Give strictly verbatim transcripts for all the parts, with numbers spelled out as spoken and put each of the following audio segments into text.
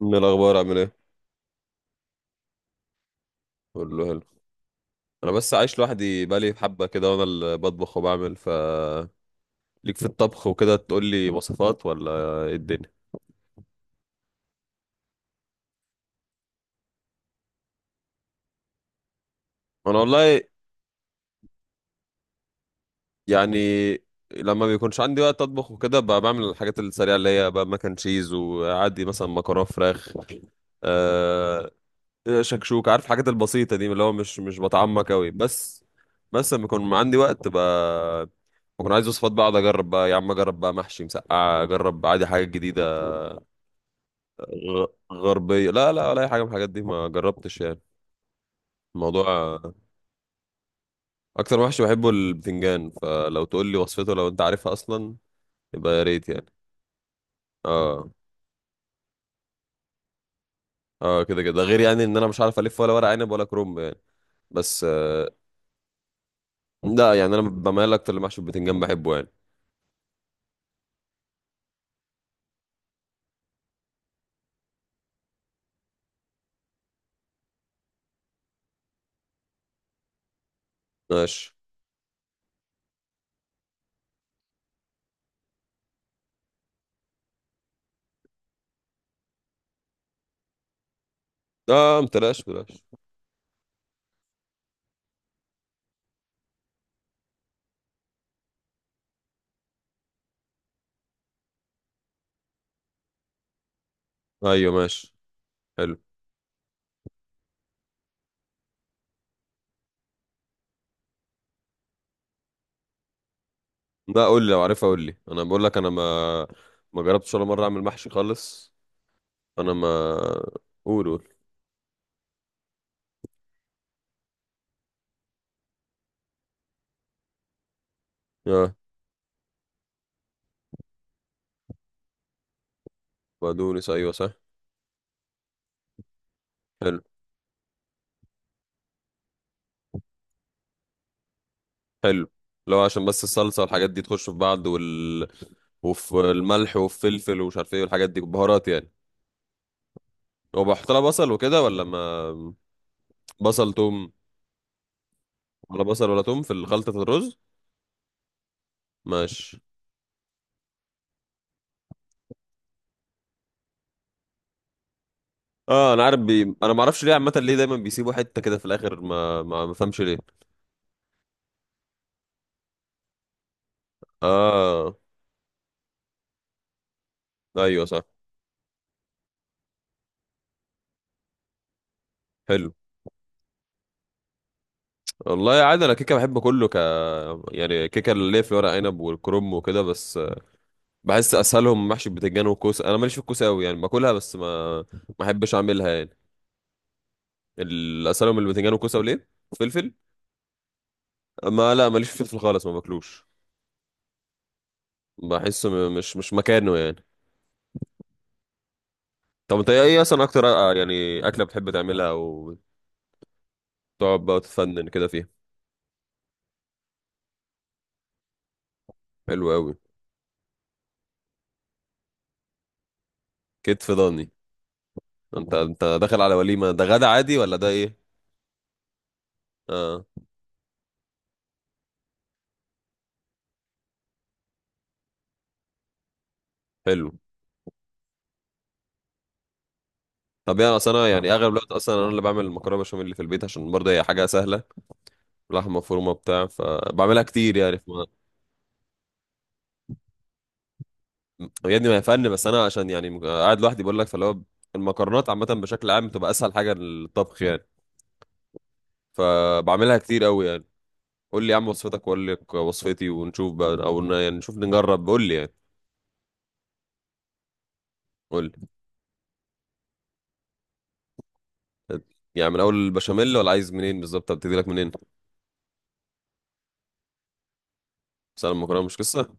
من الاخبار عامل ايه؟ كله حلو. انا بس عايش لوحدي بقالي حبه كده، وانا اللي بطبخ وبعمل، ف ليك في الطبخ وكده، تقول لي وصفات ولا ايه الدنيا؟ انا والله يعني لما بيكونش عندي وقت اطبخ وكده، بقى بعمل الحاجات السريعه اللي هي بقى مكن تشيز، وعادي مثلا مكرونه فراخ، أه شكشوك، عارف الحاجات البسيطه دي اللي هو مش مش بتعمق قوي، بس. بس لما يكون عندي وقت بقى، بكون عايز وصفات، بقى اقعد اجرب، بقى يا عم اجرب بقى محشي، مسقعه، اجرب عادي حاجات جديده. غ- غربية، لا لا، ولا أي حاجة من الحاجات دي ما جربتش، يعني الموضوع. أكتر محشي بحبه البتنجان، فلو تقول لي وصفته لو أنت عارفها أصلا يبقى يا ريت يعني. اه اه، كده كده، ده غير يعني إن أنا مش عارف ألف ولا ورق عنب ولا كرنب يعني، بس. آه، لا يعني أنا بميل أكتر لمحشي البتنجان، بحبه يعني. ماشي. اه، متلاش بلاش. أيوه، ماشي. حلو. لا، قول لي، لو عارفها قول لي، أنا بقول لك، أنا ما ما جربتش ولا مرة أعمل محشي خالص. أنا ما. قول، قول. اه، بقدونس، أيوه صح. حلو. حلو، لو عشان بس الصلصة والحاجات دي تخش في بعض، وال... وفي الملح والفلفل ومش عارف ايه والحاجات دي بهارات يعني. وبحط لها بصل وكده، ولا ما؟ بصل، توم. ولا بصل ولا توم في الخلطة الرز؟ ماشي. اه، انا عارف بي... انا ما اعرفش ليه، عامة ليه دايما بيسيبوا حتة كده في الاخر، ما ما ما فهمش ليه. اه، ايوه صح. حلو. والله عادي، انا كيكه بحب كله، ك يعني كيكه، اللي هي في ورق عنب والكرنب وكده، بس بحس اسهلهم محشي بتنجان وكوسه. انا ماليش في الكوسه قوي يعني، باكلها بس ما ما احبش اعملها يعني. ال- اسهلهم البتنجان والكوسه وليه، فلفل. ما لا، ماليش في الفلفل خالص، ما باكلوش. بحسه م- مش مش مكانه يعني. طب انت ايه اصلا اكتر، آه، يعني اكله بتحب تعملها وتقعد بقى وتفنن كده فيها؟ حلو قوي. كتف ضاني. انت انت داخل على وليمه، ده غدا عادي ولا ده ايه؟ اه، حلو. طب يعني اصل انا يعني اغلب الوقت اصلا انا اللي بعمل المكرونه بشاميل اللي في البيت، عشان برضه هي حاجه سهله، لحمه مفرومه بتاع، فبعملها كتير يعني. يا ابني ما هي فن، بس انا عشان يعني مك- قاعد لوحدي بقول لك، فاللي هو المكرونات عامه بشكل عام بتبقى اسهل حاجه للطبخ يعني، فبعملها كتير قوي يعني. قول لي يا عم وصفتك واقول لك وصفتي، ونشوف بقى او ن- يعني نشوف نجرب، قول لي يعني. قول لي يعني من اول البشاميل، ولا عايز منين بالظبط، ابتدي لك منين؟ بس انا المكرونه مش قصه.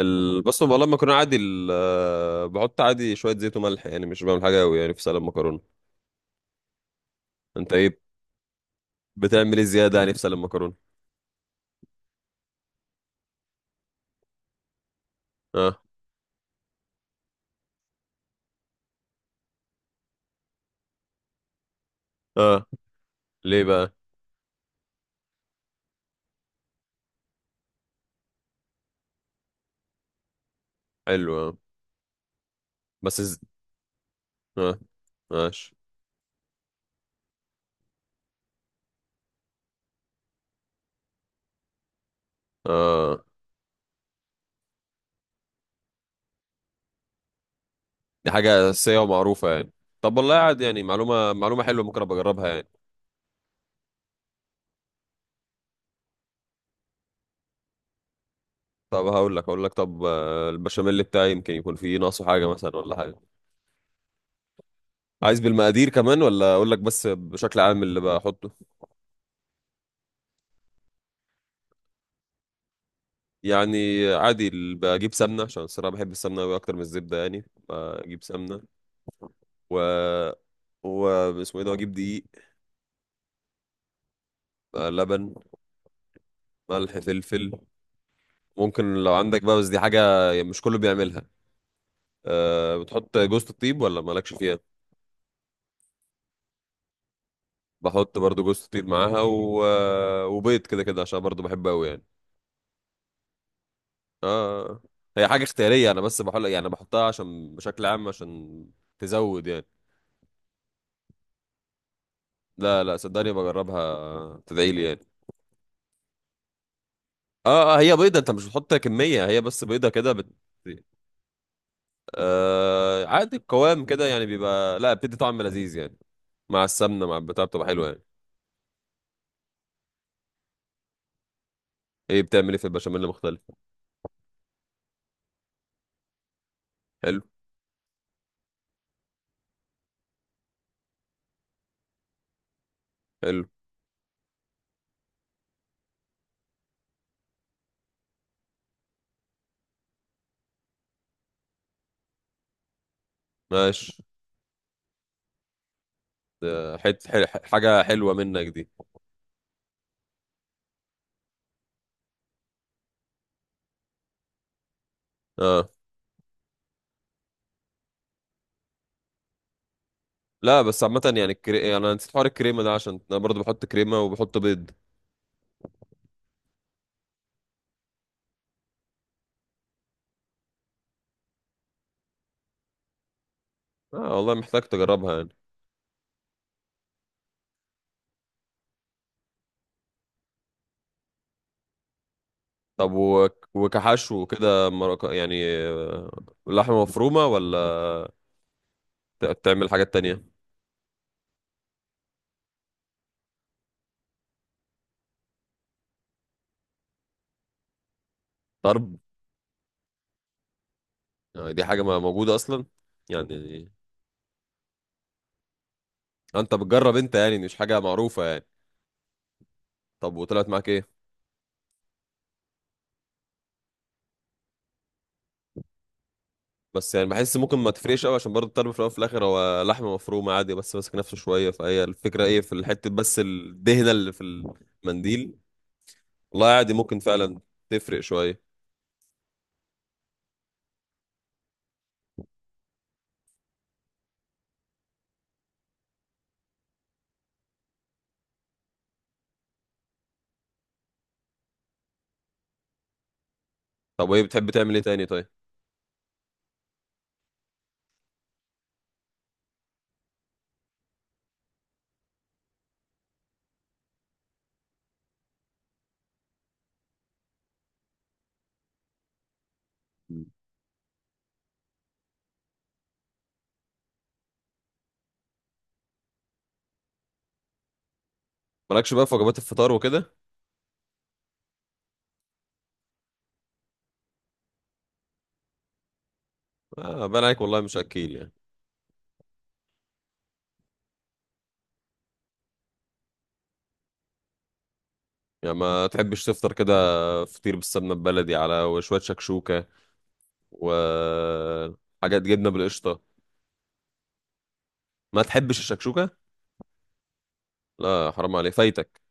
ال... بص، والله المكرونه عادي، ال... آه، بحط عادي شويه زيت وملح يعني، مش بعمل حاجه قوي يعني في سلق المكرونه. انت ايه بتعمل ايه زياده يعني في سلق المكرونه؟ اه اه، ليه بقى؟ حلو آه. بس آه. ماشي آه. دي حاجة أساسية ومعروفة يعني، طب والله قاعد يعني، معلومة معلومة حلوة، ممكن أبقى أجربها يعني. طب هقول لك هقول لك طب، آه، البشاميل بتاعي يمكن يكون فيه ناقصه حاجة مثلا ولا حاجة. عايز بالمقادير كمان، ولا أقول لك بس بشكل عام اللي بحطه؟ يعني عادي، ال- بجيب سمنة، عشان الصراحة بحب السمنة أوي أكتر من الزبدة يعني، بجيب سمنة، و و اسمه ايه ده، اجيب دقيق، آه، لبن، ملح، فلفل. ممكن لو عندك بقى، بس دي حاجة يعني مش كله بيعملها. أه، بتحط جوزة الطيب ولا مالكش فيها؟ بحط برضو جوزة الطيب معاها، و... آه، وبيض كده كده، عشان برضو بحبه قوي يعني. اه هي حاجة اختيارية، انا بس بحط يعني، انا بحطها عشان بشكل عام، عشان تزود يعني. لا لا، صدقني بجربها تدعي لي يعني. اه اه، هي بيضة، انت مش بتحط كمية، هي بس بيضة كده بت... آه عادي القوام كده يعني بيبقى، لا بتدي طعم لذيذ يعني، مع السمنة، مع البتاع، بتبقى حلوة يعني. ايه بتعمل ايه في البشاميل مختلف؟ حلو. حلو، ماشي، آه، حت حل حاجة حلوة منك دي. اه، لا بس عامة يعني الكري... انا نسيت حوار الكريمة ده، عشان انا برضو بحط كريمة وبحط بيض. اه، والله محتاج تجربها يعني. طب و... وكحشو كده مرق... يعني، آه، لحمة مفرومة، ولا ت- بتعمل حاجات تانية؟ طرب. يعني دي حاجة ما موجودة اصلا يعني. انت بتجرب انت يعني مش حاجة معروفة يعني. طب وطلعت معاك ايه؟ بس يعني بحس ممكن ما تفرقش قوي، عشان برضه الطرب في الاول وفي الاخر هو لحمه مفرومه عادي، بس ماسك نفسه شويه، فهي الفكره ايه في الحته، بس الدهنه اللي في المنديل. والله عادي ممكن فعلا تفرق شويه. طب وايه بتحب تعمل ايه تاني طيب؟ مالكش بقى في وجبات الفطار وكده؟ آه، باين عليك والله مش اكيل يعني. يعني ما تحبش تفطر كده فطير بالسمنه البلدي، على وشويه شكشوكه، وحاجات جبنه بالقشطه؟ ما تحبش الشكشوكه؟ لا، حرام عليك فايتك.